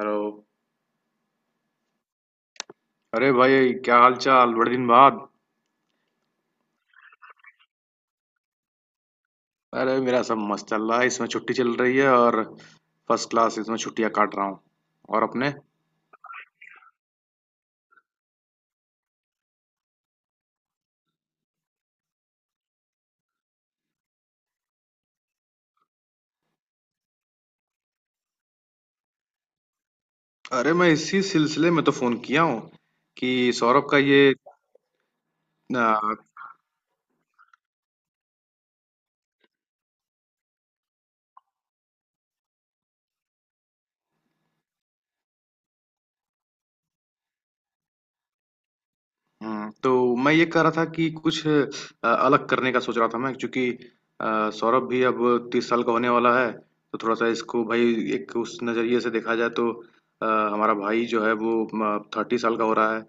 Hello. अरे भाई, क्या हाल चाल, बड़े दिन बाद। अरे मेरा सब मस्त चल रहा है, इसमें छुट्टी चल रही है और फर्स्ट क्लास इसमें छुट्टियां काट रहा हूँ। और अपने? अरे मैं इसी सिलसिले में तो फोन किया हूँ कि सौरभ का ये। तो मैं ये कह रहा था कि कुछ अलग करने का सोच रहा था मैं, क्योंकि सौरभ भी अब 30 साल का होने वाला है, तो थोड़ा-सा इसको भई एक उस नज़रिए से देखा जाए तो अ, हमारा भाई जो है वो म 30 साल का हो रहा है।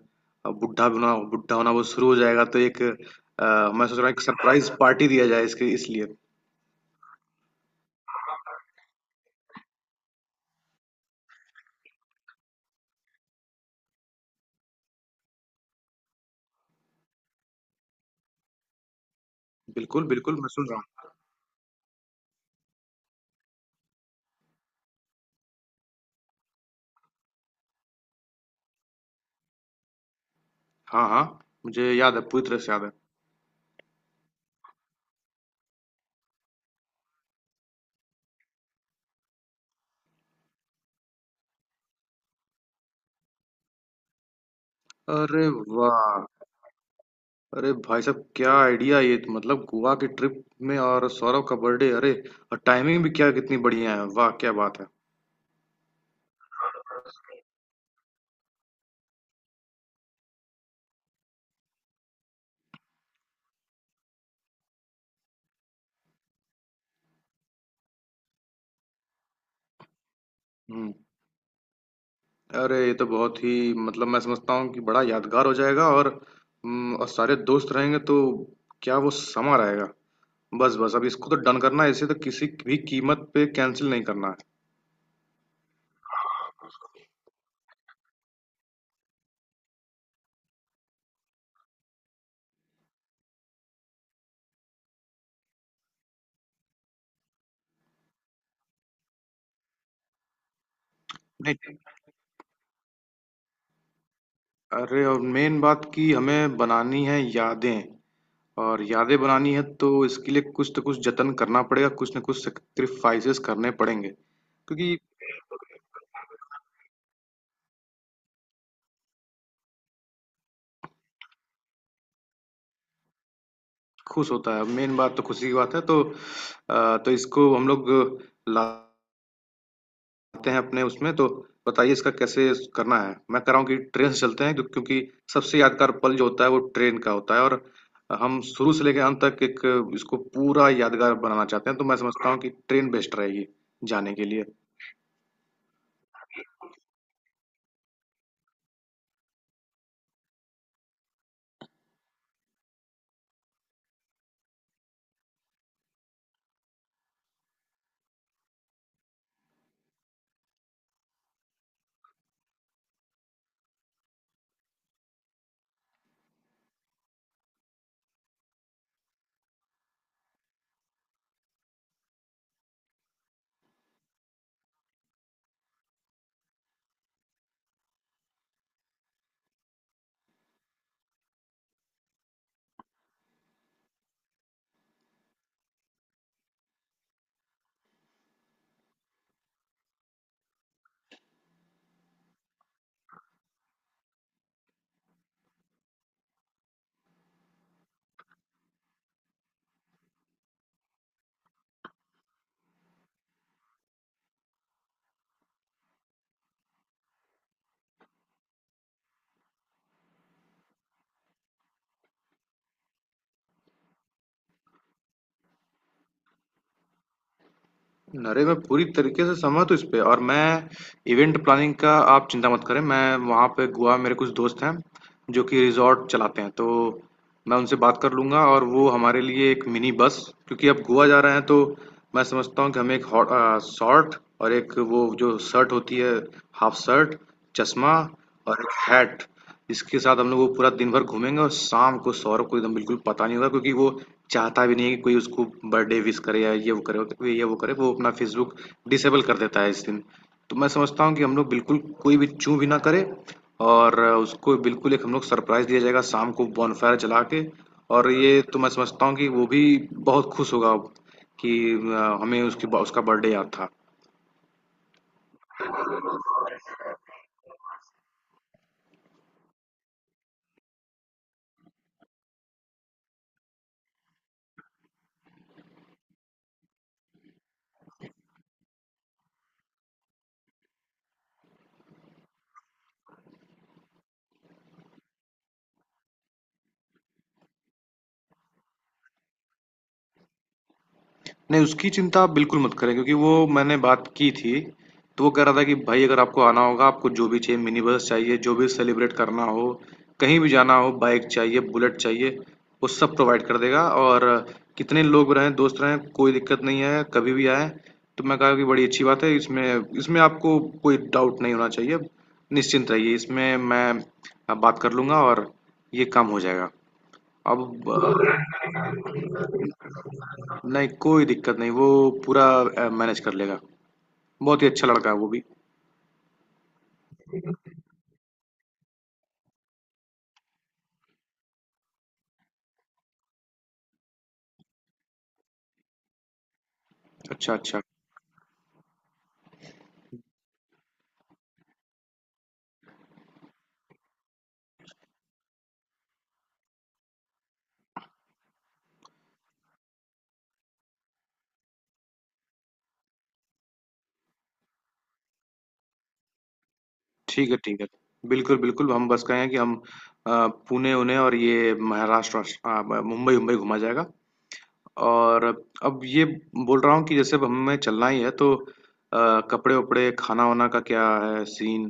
अब बुड्ढा होना वो शुरू हो जाएगा, तो एक मैं सोच रहा हूँ एक सरप्राइज़ पार्टी दिया जाए इसके इसलिए। बिल्कुल, बिल्कुल, मैं सुन रहा हूँ। हाँ, हाँ, मुझे याद है, पूरी तरह से याद है। अरे वाह! अरे भाई साहब, क्या आइडिया! ये तो मतलब गोवा की ट्रिप में और सौरभ का बर्थडे! अरे और टाइमिंग भी क्या कितनी बढ़िया है, वाह क्या बात है! हम्म। अरे ये तो बहुत ही मतलब मैं समझता हूँ कि बड़ा यादगार हो जाएगा। और सारे दोस्त रहेंगे तो क्या वो समा रहेगा! बस बस, अब इसको तो डन करना है, इसे तो किसी भी कीमत पे कैंसिल नहीं करना है। नहीं। अरे और मेन बात कि हमें बनानी है यादें, और यादें बनानी है तो इसके लिए कुछ तो कुछ जतन करना पड़ेगा, कुछ ना कुछ सेक्रीफाइसेस करने पड़ेंगे, क्योंकि खुश होता है, मेन बात तो खुशी की बात है। तो तो इसको हम लोग लाते हैं अपने उसमें तो। बताइए इसका कैसे करना है। मैं कह रहा हूँ कि ट्रेन से चलते हैं, क्योंकि सबसे यादगार पल जो होता है वो ट्रेन का होता है, और हम शुरू से लेकर अंत तक एक इसको पूरा यादगार बनाना चाहते हैं, तो मैं समझता हूँ कि ट्रेन बेस्ट रहेगी जाने के लिए। अरे मैं पूरी तरीके से सहमत हूँ इस पे। और मैं इवेंट प्लानिंग का आप चिंता मत करें, मैं वहाँ पे गोवा में मेरे कुछ दोस्त हैं जो कि रिजॉर्ट चलाते हैं, तो मैं उनसे बात कर लूँगा और वो हमारे लिए एक मिनी बस, क्योंकि अब गोवा जा रहे हैं तो मैं समझता हूँ कि हमें एक हॉट शॉर्ट और एक वो जो शर्ट होती है, हाफ शर्ट, चश्मा और एक हैट। इसके साथ हम लोग वो पूरा दिन भर घूमेंगे, और शाम को सौरभ को एकदम बिल्कुल पता नहीं होगा क्योंकि वो चाहता भी नहीं है कि कोई उसको बर्थडे विश करे या ये वो करे वो अपना फेसबुक डिसेबल कर देता है इस दिन। तो मैं समझता हूँ कि हम लोग बिल्कुल कोई भी चूं भी ना करे, और उसको बिल्कुल एक हम लोग सरप्राइज दिया जाएगा शाम को बॉनफायर जला के। और ये तो मैं समझता हूँ कि वो भी बहुत खुश होगा कि हमें उसकी उसका बर्थडे याद था। नहीं, उसकी चिंता आप बिल्कुल मत करें, क्योंकि वो मैंने बात की थी, तो वो कह रहा था कि भाई अगर आपको आना होगा, आपको जो भी चाहिए, मिनी बस चाहिए, जो भी सेलिब्रेट करना हो, कहीं भी जाना हो, बाइक चाहिए, बुलेट चाहिए, वो सब प्रोवाइड कर देगा, और कितने लोग रहें, दोस्त रहें, कोई दिक्कत नहीं है, कभी भी आएँ। तो मैं कहा कि बड़ी अच्छी बात है, इसमें इसमें आपको कोई डाउट नहीं होना चाहिए, निश्चिंत रहिए, इसमें मैं बात कर लूँगा और ये काम हो जाएगा। अब, नहीं, कोई दिक्कत नहीं, वो पूरा मैनेज कर लेगा। बहुत ही अच्छा लड़का है वो भी। अच्छा, अच्छा। ठीक है, ठीक है। बिल्कुल, बिल्कुल, हम बस कहें कि हम पुणे-ऊने और ये महाराष्ट्र वास ब मुंबई-उम्बई घुमा जाएगा। और अब ये बोल रहा हूँ कि जैसे अब हमें चलना ही है, तो कपड़े-वपड़े, खाना-वाना का क्या है सीन?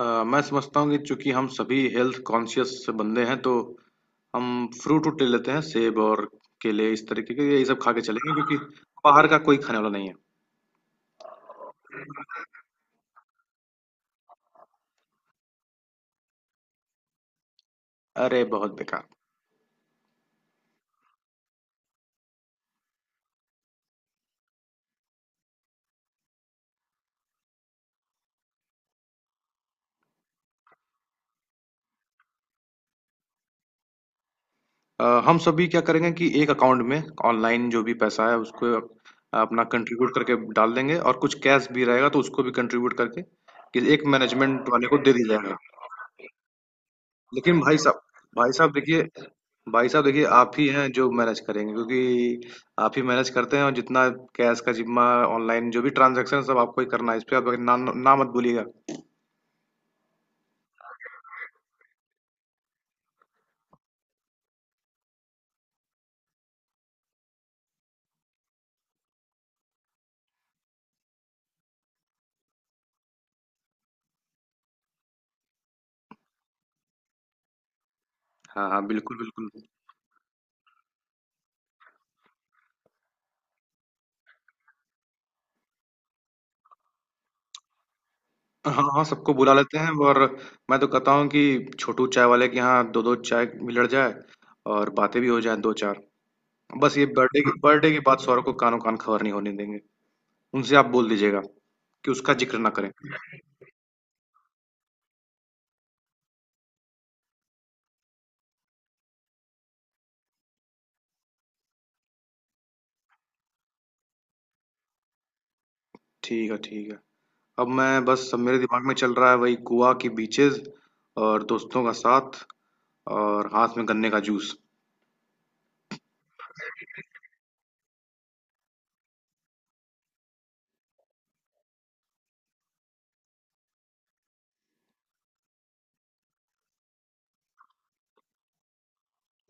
अ, मैं समझता हूँ कि चूँकि हम सभी हेल्थ कॉन्शियस बंदे हैं, तो हम फ्रूट-वूट ले लेते हैं, सेब और केले इस तरीके के, यही सब खा के चलेंगे, क्योंकि बाहर का कोई खाने वाला नहीं है। अरे! बहुत बेकार। हम सभी क्या करेंगे कि एक अकाउंट में ऑनलाइन जो भी पैसा है उसको अपना कंट्रीब्यूट करके डाल देंगे, और कुछ कैश भी रहेगा तो उसको भी कंट्रीब्यूट करके कि एक मैनेजमेंट वाले को दे दिया जाएगा। लेकिन भाई साहब, भाई साहब देखिए भाई साहब देखिए, आप ही हैं जो मैनेज करेंगे, क्योंकि आप ही मैनेज करते हैं, और जितना कैश का जिम्मा, ऑनलाइन जो भी ट्रांजैक्शन, सब आपको ही करना है, इस पे आप ना ना मत बोलिएगा। हाँ हाँ, बिल्कुल बिल्कुल। हाँ, हाँ, सबको बुला लेते हैं। और मैं तो कहता हूँ कि छोटू चाय वाले के यहाँ 2-2 चाय मिलड़ जाए और बातें भी हो जाएँ 2-4। बस ये बर्थडे की बात सौरभ को कानो कान खबर नहीं होने देंगे। उनसे आप बोल दीजिएगा कि उसका जिक्र ना करें। ठीक है, ठीक है। अब मैं बस, अब मेरे दिमाग में चल रहा है वही गोवा की बीचेज़ और दोस्तों का साथ, और हाथ में गन्ने का जूस।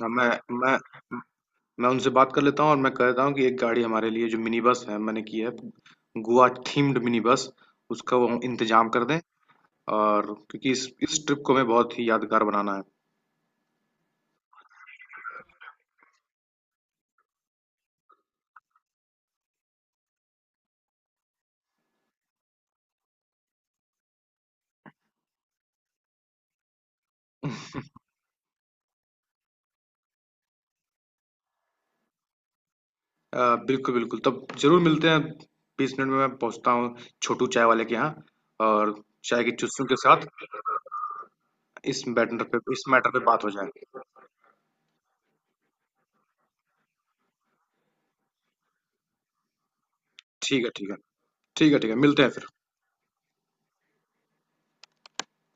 अब मैं मैं उनसे बात कर लेता हूँ, और मैं कहता हूँ कि एक गाड़ी हमारे लिए जो मिनी बस है मैंने की है, गोवा थीम्ड मिनी बस, उसका वो इंतजाम कर दें। और क्योंकि इस ट्रिप को हमें बहुत ही यादगार बनाना है। बिल्कुल बिल्कुल, तब जरूर मिलते हैं। 20 मिनट में मैं पहुँचता हूँ छोटू चाय वाले के यहाँ, और चाय की चुस्कियों के साथ इस मैटर पे बात हो जाए। ठीक है, ठीक है। ठीक है, ठीक है, मिलते हैं फिर।